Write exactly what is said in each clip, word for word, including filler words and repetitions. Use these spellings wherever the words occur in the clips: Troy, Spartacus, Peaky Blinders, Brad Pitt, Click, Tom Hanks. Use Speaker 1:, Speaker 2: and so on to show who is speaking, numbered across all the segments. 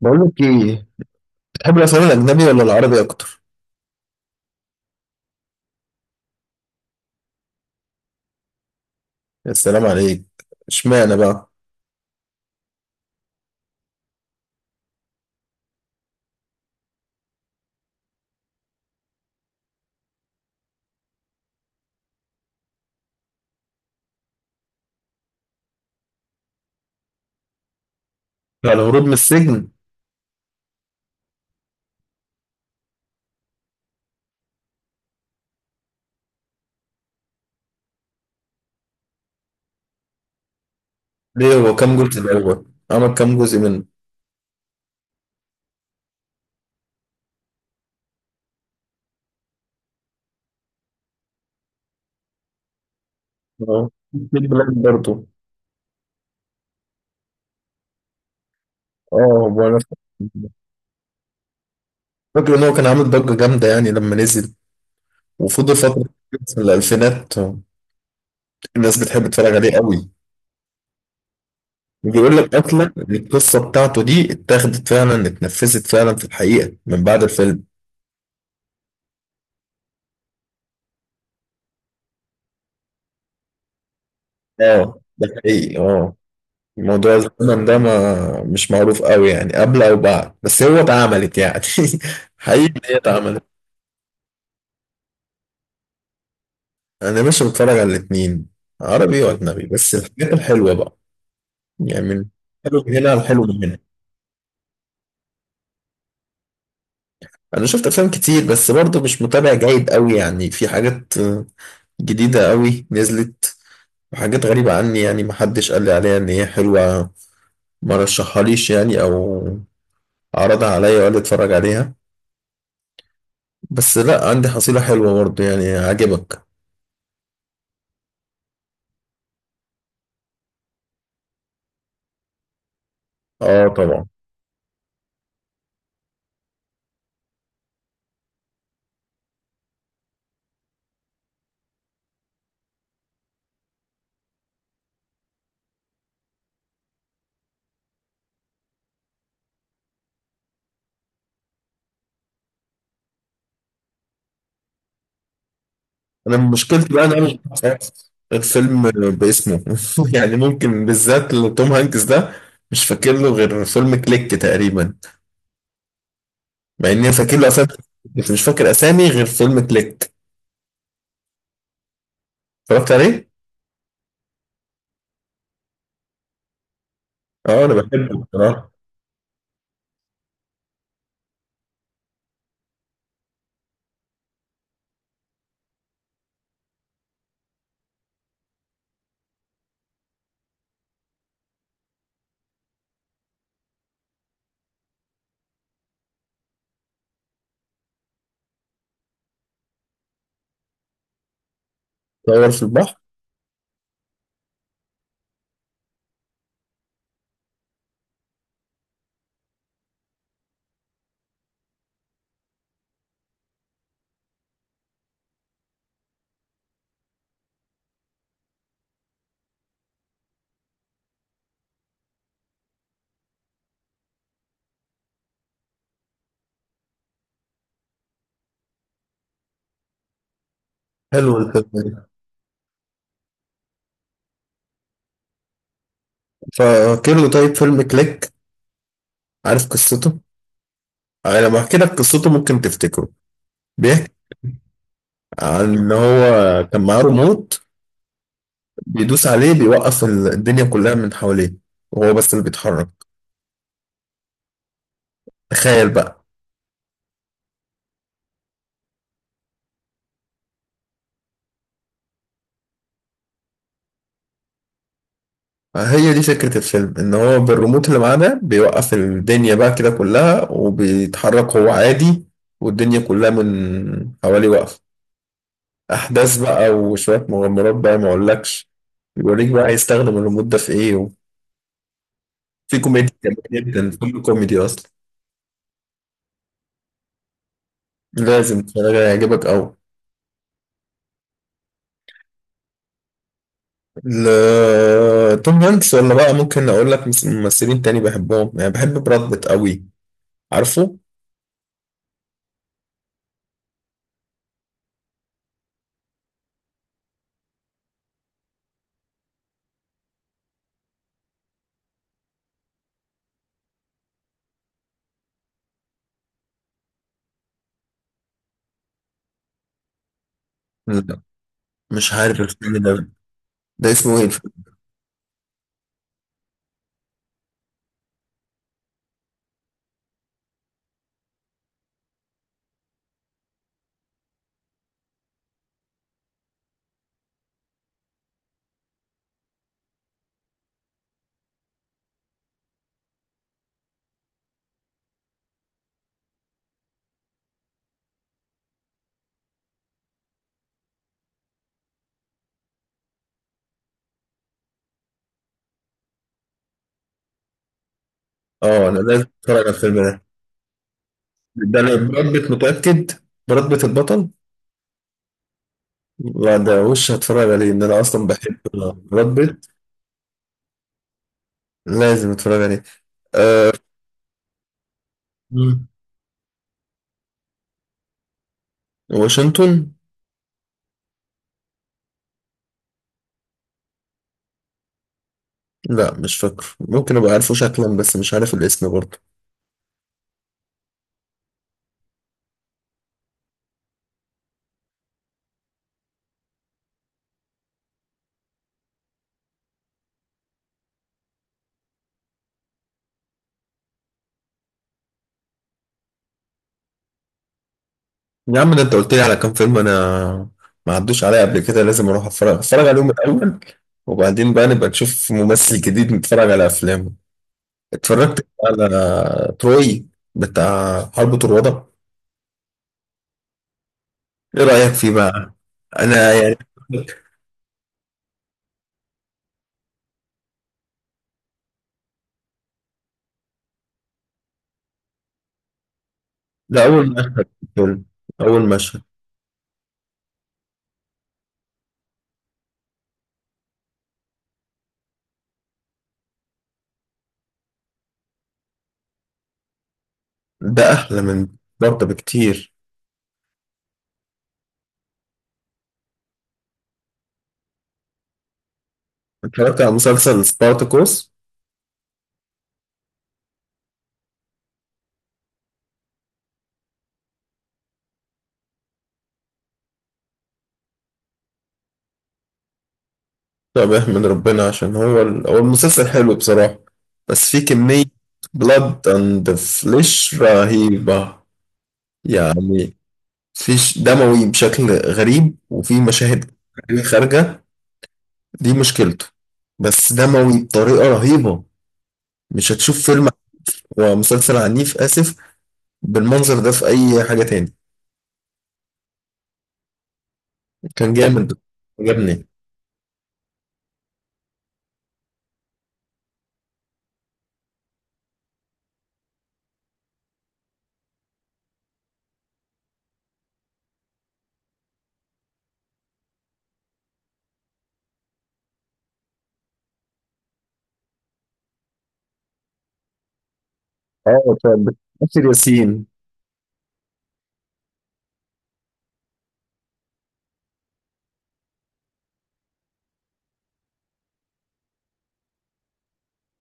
Speaker 1: بقول لك ايه؟ بتحب الافلام الاجنبي ولا العربي اكتر؟ يا سلام عليك. اشمعنى بقى؟ بقى الهروب من السجن. ليه؟ هو كام جزء؟ الاول عمل كام جزء منه؟ اه، في بلاك برضه. اه. هو أنا فاكر ان هو كان عامل ضجه جامده يعني لما نزل وفضل فتره في الالفينات. الناس بتحب تتفرج عليه قوي. بيقول لك اصلا إن القصه بتاعته دي اتاخدت فعلا، اتنفذت فعلا في الحقيقه من بعد الفيلم. اه ده حقيقي اه. موضوع الزمن ده ما مش معروف قوي يعني قبل او بعد، بس هو اتعملت يعني. حقيقي إن هي اتعملت. انا مش بتفرج على الاتنين، عربي واجنبي بس الحاجات الحلوه بقى، يعني من حلو من هنا الحلو من هنا. انا شفت افلام كتير بس برضه مش متابع جيد قوي، يعني في حاجات آه، جديده قوي نزلت، وحاجات غريبه عني يعني ما حدش قال لي عليها ان هي حلوه، ما رشحهاليش يعني، او عرضها عليا وقال لي اتفرج عليها. بس لا، عندي حصيله حلوه برضه يعني عجبك. اه طبعا. انا مشكلتي بقى ان انا مش بعرف الفيلم باسمه. يعني ممكن بالذات لتوم هانكس ده، مش فاكر له غير فيلم كليك تقريبا، مع اني فاكر له اسامي بس مش فاكر اسامي غير فيلم كليك. اتفرجت عليه؟ اه انا بحبه بصراحه. طير في البحر. حلو الفيلم ده. فاكر له طيب فيلم كليك؟ عارف قصته؟ أنا لما احكي لك قصته ممكن تفتكره. بيحكي عن ان هو كان معاه ريموت، بيدوس عليه بيوقف ال- الدنيا كلها من حواليه، وهو بس اللي بيتحرك. تخيل بقى. هي دي فكرة الفيلم، ان هو بالريموت اللي معاه ده بيوقف الدنيا بقى كده كلها وبيتحرك هو عادي، والدنيا كلها من حواليه واقفة. احداث بقى وشوية مغامرات بقى ما اقولكش، بيوريك بقى هيستخدم الريموت ده في ايه، وفي كوميديا جميل جدا، فيلم كوميدي اصلا. لازم تتفرج عليه، هيعجبك قوي. ل- توم هانكس، ولا بقى ممكن اقول لك مس- ممثلين تاني بحبهم؟ يعني بحب براد بيت قوي. عارفه؟ لا مش عارف الفيلم ده. ده اسمه ايه الفيلم؟ اه انا لازم اتفرج على الفيلم ده. ده أنا براد بيت متأكد، براد بيت البطل. لا ده وش هتفرج عليه ان انا اصلا بحب براد بيت. لازم اتفرج عليه. مم. واشنطن. لا مش فاكر، ممكن ابقى عارفه شكلا بس مش عارف الاسم برضه. يا عم ده انت قلت لي على كام فيلم، انا ما عدوش عليا قبل كده، لازم اروح اتفرج اتفرج عليهم الاول، وبعدين بقى نبقى نشوف ممثل جديد نتفرج على افلامه. اتفرجت على تروي بتاع حرب طروادة؟ ايه رأيك فيه بقى؟ انا يعني ده اول مشهد في الفيلم، اول مشهد. ده احلى من برضه بكتير. اتفرجت على مسلسل سبارتاكوس؟ طب احمد ربنا عشان هو ال... هو المسلسل حلو بصراحة. بس في كمية بلاد اند فليش رهيبة يعني، فيش دموي بشكل غريب وفي مشاهد دموية خارجة، دي مشكلته. بس دموي بطريقة رهيبة، مش هتشوف فيلم ومسلسل عنيف آسف بالمنظر ده في أي حاجة تاني. كان جامد. عجبني. اه طب. آسر ياسين.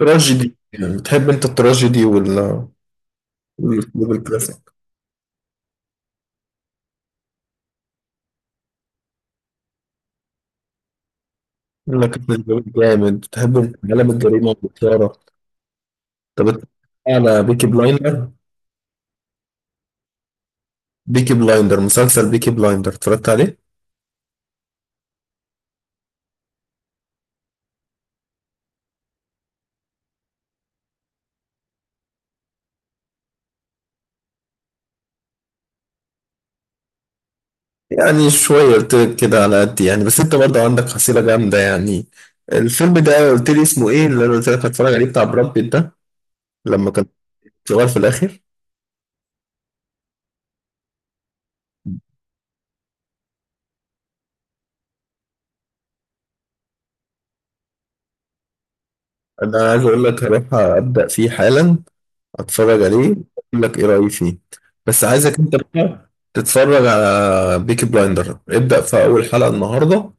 Speaker 1: تراجيدي يعني، بتحب انت التراجيدي ولا وال- والكلاسيك؟ يقول لك أنا زويل جامد، بتحب عالم الجريمة والإثارة؟ طب أنت على بيكي بلايندر؟ بيكي بلايندر، مسلسل بيكي بلايندر اتفرجت عليه؟ يعني شوية قلت لك كده على قد يعني، بس أنت برضه عندك حصيلة جامدة يعني. الفيلم ده قلت لي اسمه إيه، اللي أنا قلت لك هتفرج عليه بتاع براد بيت ده لما كان صغير في الآخر؟ أنا عايز أقول لك هروح أبدأ فيه حالا أتفرج عليه، أقول لك إيه رأيي فيه. بس عايزك أنت بقى تتفرج على بيكي بلايندر، ابدأ في أول حلقة النهاردة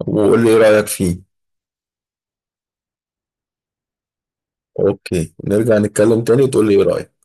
Speaker 1: وقول لي ايه رأيك فيه. اوكي نرجع نتكلم تاني وتقول لي ايه رأيك.